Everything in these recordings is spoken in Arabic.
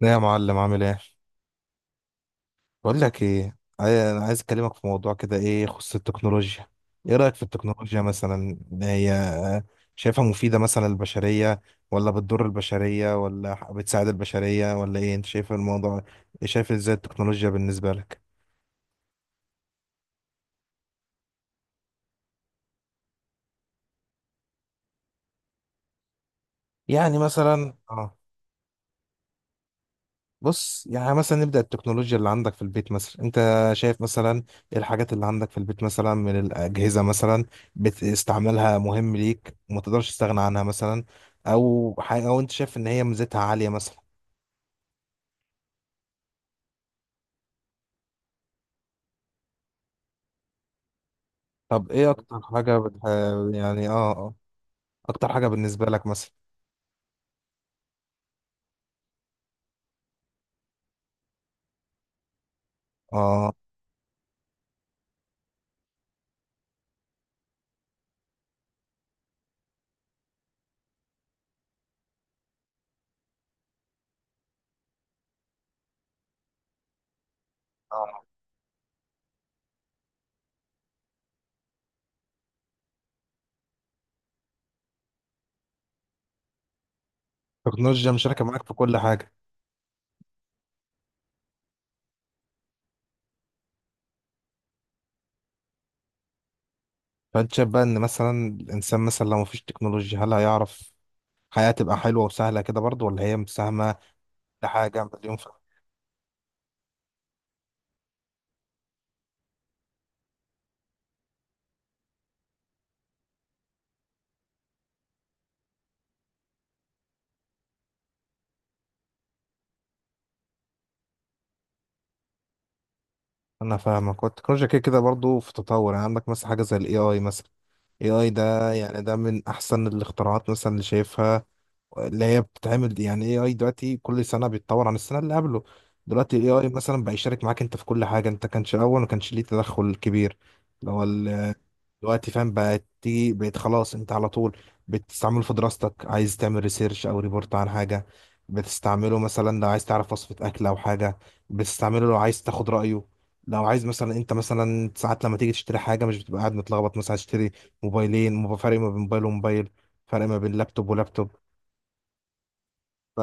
لا، يا معلم، عامل ايه؟ بقول لك ايه، انا عايز اكلمك في موضوع كده ايه يخص التكنولوجيا. ايه رايك في التكنولوجيا مثلا؟ هي شايفها مفيده مثلا للبشريه، ولا بتضر البشريه، ولا بتساعد البشريه، ولا ايه انت شايف الموضوع؟ شايف ازاي التكنولوجيا بالنسبه لك؟ يعني مثلا، اه. بص، يعني مثلا نبدأ التكنولوجيا اللي عندك في البيت مثلا، انت شايف مثلا ايه الحاجات اللي عندك في البيت مثلا من الأجهزة مثلا، بتستعملها مهم ليك وما تقدرش تستغنى عنها مثلا؟ او حاجة، او انت شايف ان هي ميزتها عالية مثلا؟ طب، ايه اكتر حاجة؟ يعني، اه، اه، اكتر حاجة بالنسبة لك مثلا؟ اه. آه. التكنولوجيا مشاركة معاك في كل حاجة. فانت شايف بقى ان مثلا الانسان مثلا لو مفيش تكنولوجيا، هل هيعرف حياة تبقى حلوة وسهلة كده برضه، ولا هي مساهمة لحاجة مليون في؟ انا فاهمك، والتكنولوجيا كده كده برضه في تطور، يعني عندك مثلا حاجه زي الاي اي مثلا. اي اي ده يعني ده من احسن الاختراعات مثلا اللي شايفها، اللي هي بتتعمل، يعني اي اي دلوقتي كل سنه بيتطور عن السنه اللي قبله. دلوقتي الاي اي مثلا بقى يشارك معاك انت في كل حاجه، انت كانش الاول ما كانش ليه تدخل كبير، اللي هو دلوقتي، فاهم؟ بقت تيجي، بقيت خلاص انت على طول بتستعمله في دراستك، عايز تعمل ريسيرش او ريبورت عن حاجه، بتستعمله مثلا لو عايز تعرف وصفه اكل او حاجه، بتستعمله لو عايز تاخد رايه، لو عايز مثلا، انت مثلا ساعات لما تيجي تشتري حاجه مش بتبقى قاعد متلخبط مثلا؟ هتشتري موبايلين، فرق ما بين موبايل وموبايل، فرق ما بين لابتوب ولابتوب. ف...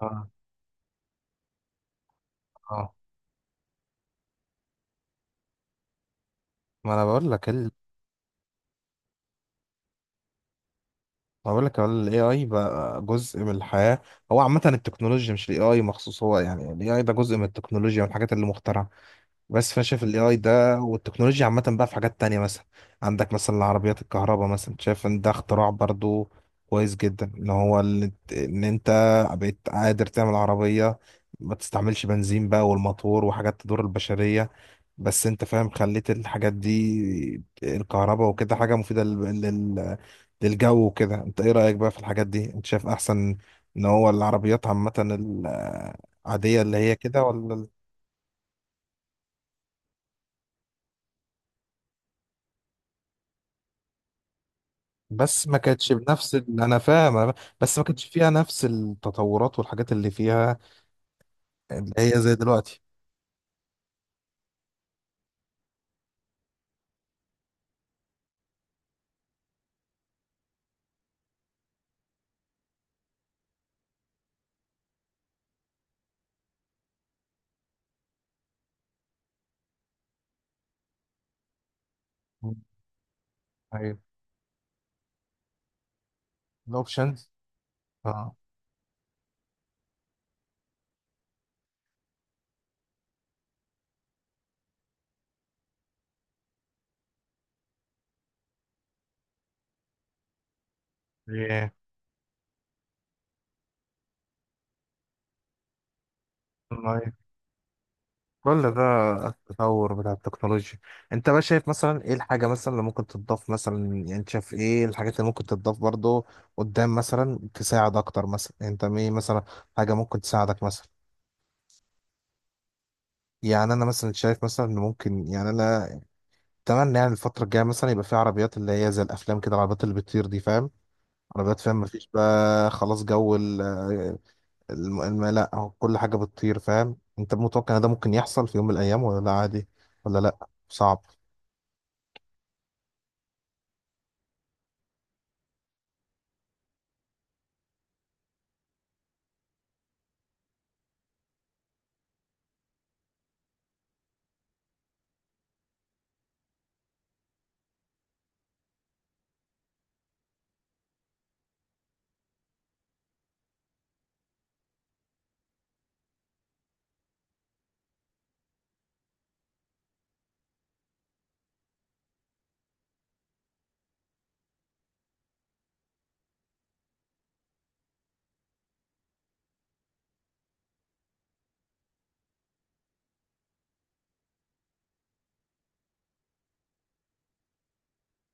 اه، اه، ما انا بقول لك. ما بقول لك الاي اي بقى جزء من الحياه. هو عامه التكنولوجيا، مش الاي اي مخصوص، هو يعني الاي اي ده جزء من التكنولوجيا والحاجات اللي مخترعه. بس فانا شايف الاي اي ده والتكنولوجيا عامه بقى في حاجات تانية مثلا. عندك مثلا العربيات الكهرباء مثلا، شايف ان ده اختراع برضو كويس جدا، ان هو ان انت بقيت قادر تعمل عربيه، ما تستعملش بنزين بقى، والموتور وحاجات تضر البشريه. بس انت فاهم، خليت الحاجات دي الكهرباء وكده حاجه مفيده للجو وكده. انت ايه رايك بقى في الحاجات دي؟ انت شايف احسن ان هو العربيات عامه العاديه اللي هي كده، ولا؟ بس ما كانتش بنفس. انا فاهم. بس ما كانتش فيها نفس التطورات والحاجات اللي فيها، اللي هي زي دلوقتي. مم. ايوه، الاوبشنز. اه. ايه. أيوة. كل ده التطور بتاع التكنولوجيا. انت بقى شايف مثلا ايه الحاجة مثلا اللي ممكن تتضاف مثلا؟ يعني انت شايف ايه الحاجات اللي ممكن تتضاف برضو قدام مثلا، تساعد اكتر مثلا؟ انت ايه مثلا حاجة ممكن تساعدك مثلا؟ يعني انا مثلا شايف مثلا ان ممكن، يعني انا اتمنى يعني الفترة الجاية مثلا يبقى في عربيات اللي هي زي الأفلام كده، العربيات اللي بتطير دي، فاهم؟ عربيات، فاهم؟ مفيش بقى خلاص جو. لا، هو كل حاجة بتطير. فاهم؟ أنت متوقع إن ده ممكن يحصل في يوم من الأيام، ولا لا عادي، ولا لا صعب؟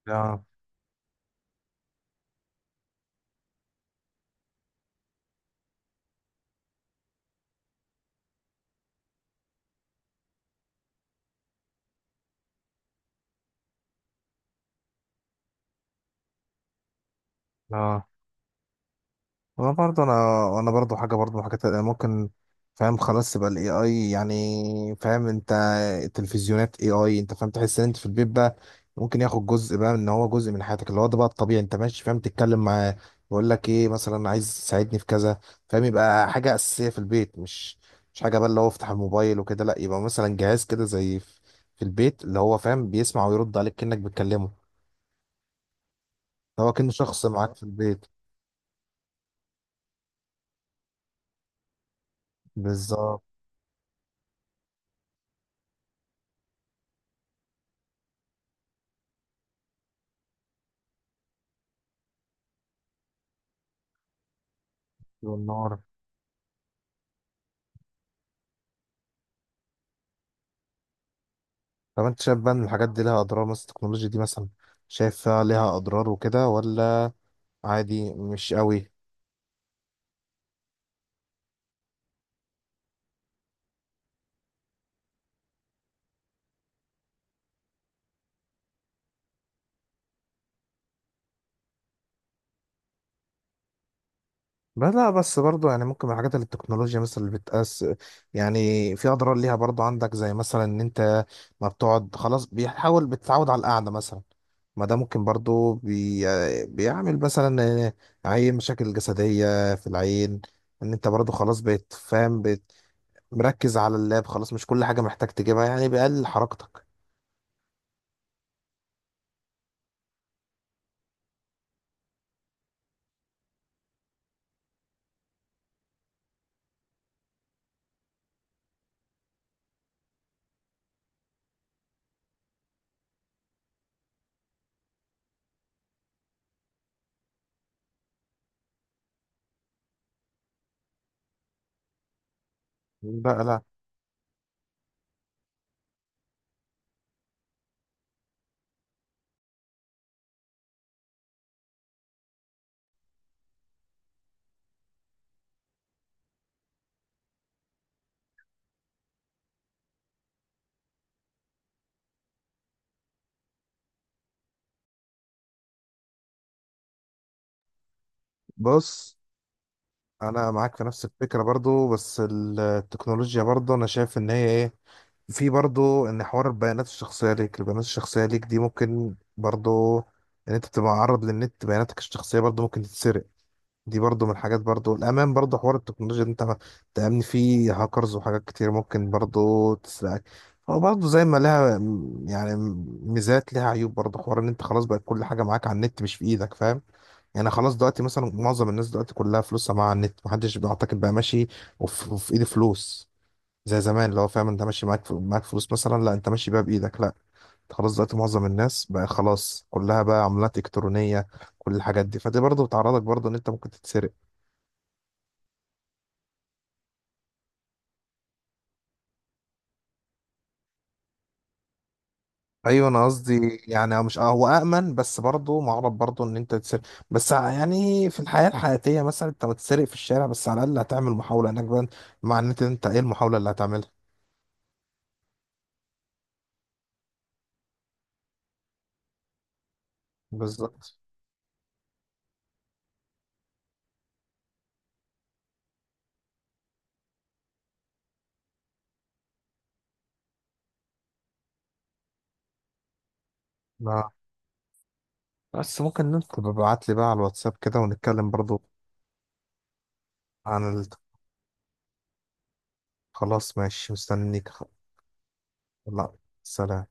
لا، لا، هو برضه انا، وانا برضه حاجه برضه من حاجات ممكن، فاهم، خلاص تبقى الاي اي، يعني فاهم انت، التلفزيونات اي اي، انت فاهم؟ تحس ان انت في البيت بقى ممكن ياخد جزء بقى، من ان هو جزء من حياتك، اللي هو ده بقى الطبيعي، انت ماشي، فاهم، تتكلم معاه، يقول لك ايه مثلا، عايز تساعدني في كذا، فاهم؟ يبقى حاجه اساسيه في البيت، مش حاجه بقى اللي هو افتح الموبايل وكده، لا، يبقى مثلا جهاز كده زي في في البيت اللي هو، فاهم، بيسمع ويرد عليك كأنك بتكلمه. هو كأنه شخص معاك في البيت. بالظبط. والنار. طب، انت شايف بقى ان الحاجات دي لها اضرار مثلا؟ التكنولوجيا دي مثلا، شايفها ليها اضرار وكده، ولا عادي، مش قوي؟ لا، لا، بس برضو يعني ممكن من الحاجات اللي التكنولوجيا مثلا اللي بتقاس، يعني في اضرار ليها برضو، عندك زي مثلا ان انت ما بتقعد، خلاص بيحاول بتتعود على القعده مثلا. ما ده ممكن برضو. بيعمل مثلا عين، مشاكل جسديه في العين، ان انت برضو خلاص بقيت، فاهم، بقيت مركز على اللاب، خلاص مش كل حاجه محتاج تجيبها، يعني بيقلل حركتك. لا، لا، بص، انا معاك في نفس الفكره برضو، بس التكنولوجيا برضو انا شايف ان هي ايه، في برضو ان حوار البيانات الشخصيه ليك، البيانات الشخصيه ليك دي ممكن برضو ان انت تبقى معرض للنت، بياناتك الشخصيه برضو ممكن تتسرق. دي برضو من الحاجات برضو، الأمان برضو حوار التكنولوجيا، إن أنت تأمن فيه، هاكرز وحاجات كتير ممكن برضو تسرقك. هو برضو زي ما لها يعني ميزات لها عيوب، برضو حوار إن أنت خلاص بقت كل حاجة معاك على النت مش في إيدك، فاهم؟ يعني خلاص دلوقتي مثلا، معظم الناس دلوقتي كلها فلوسها معاها على النت، محدش بيعتقد بقى ماشي وفي إيده فلوس زي زمان، اللي هو، فاهم، انت ماشي معاك معاك فلوس مثلا، لا، انت ماشي بيها بايدك، لا، انت خلاص دلوقتي، معظم الناس بقى خلاص كلها بقى عملات الكترونيه، كل الحاجات دي، فدي برضه بتعرضك برضه ان انت ممكن تتسرق. ايوه، انا قصدي يعني مش، اه، هو امن، بس برضه معرض برضه ان انت تتسرق. بس يعني في الحياه الحياتيه مثلا، انت بتسرق في الشارع، بس على الاقل هتعمل محاوله انك بقى، مع ان انت ايه المحاوله اللي هتعملها؟ بالظبط. ما- بس ممكن انت تبقى ابعت لي بقى على الواتساب كده ونتكلم برضه عن. خلاص، ماشي، مستنيك. الله. سلام.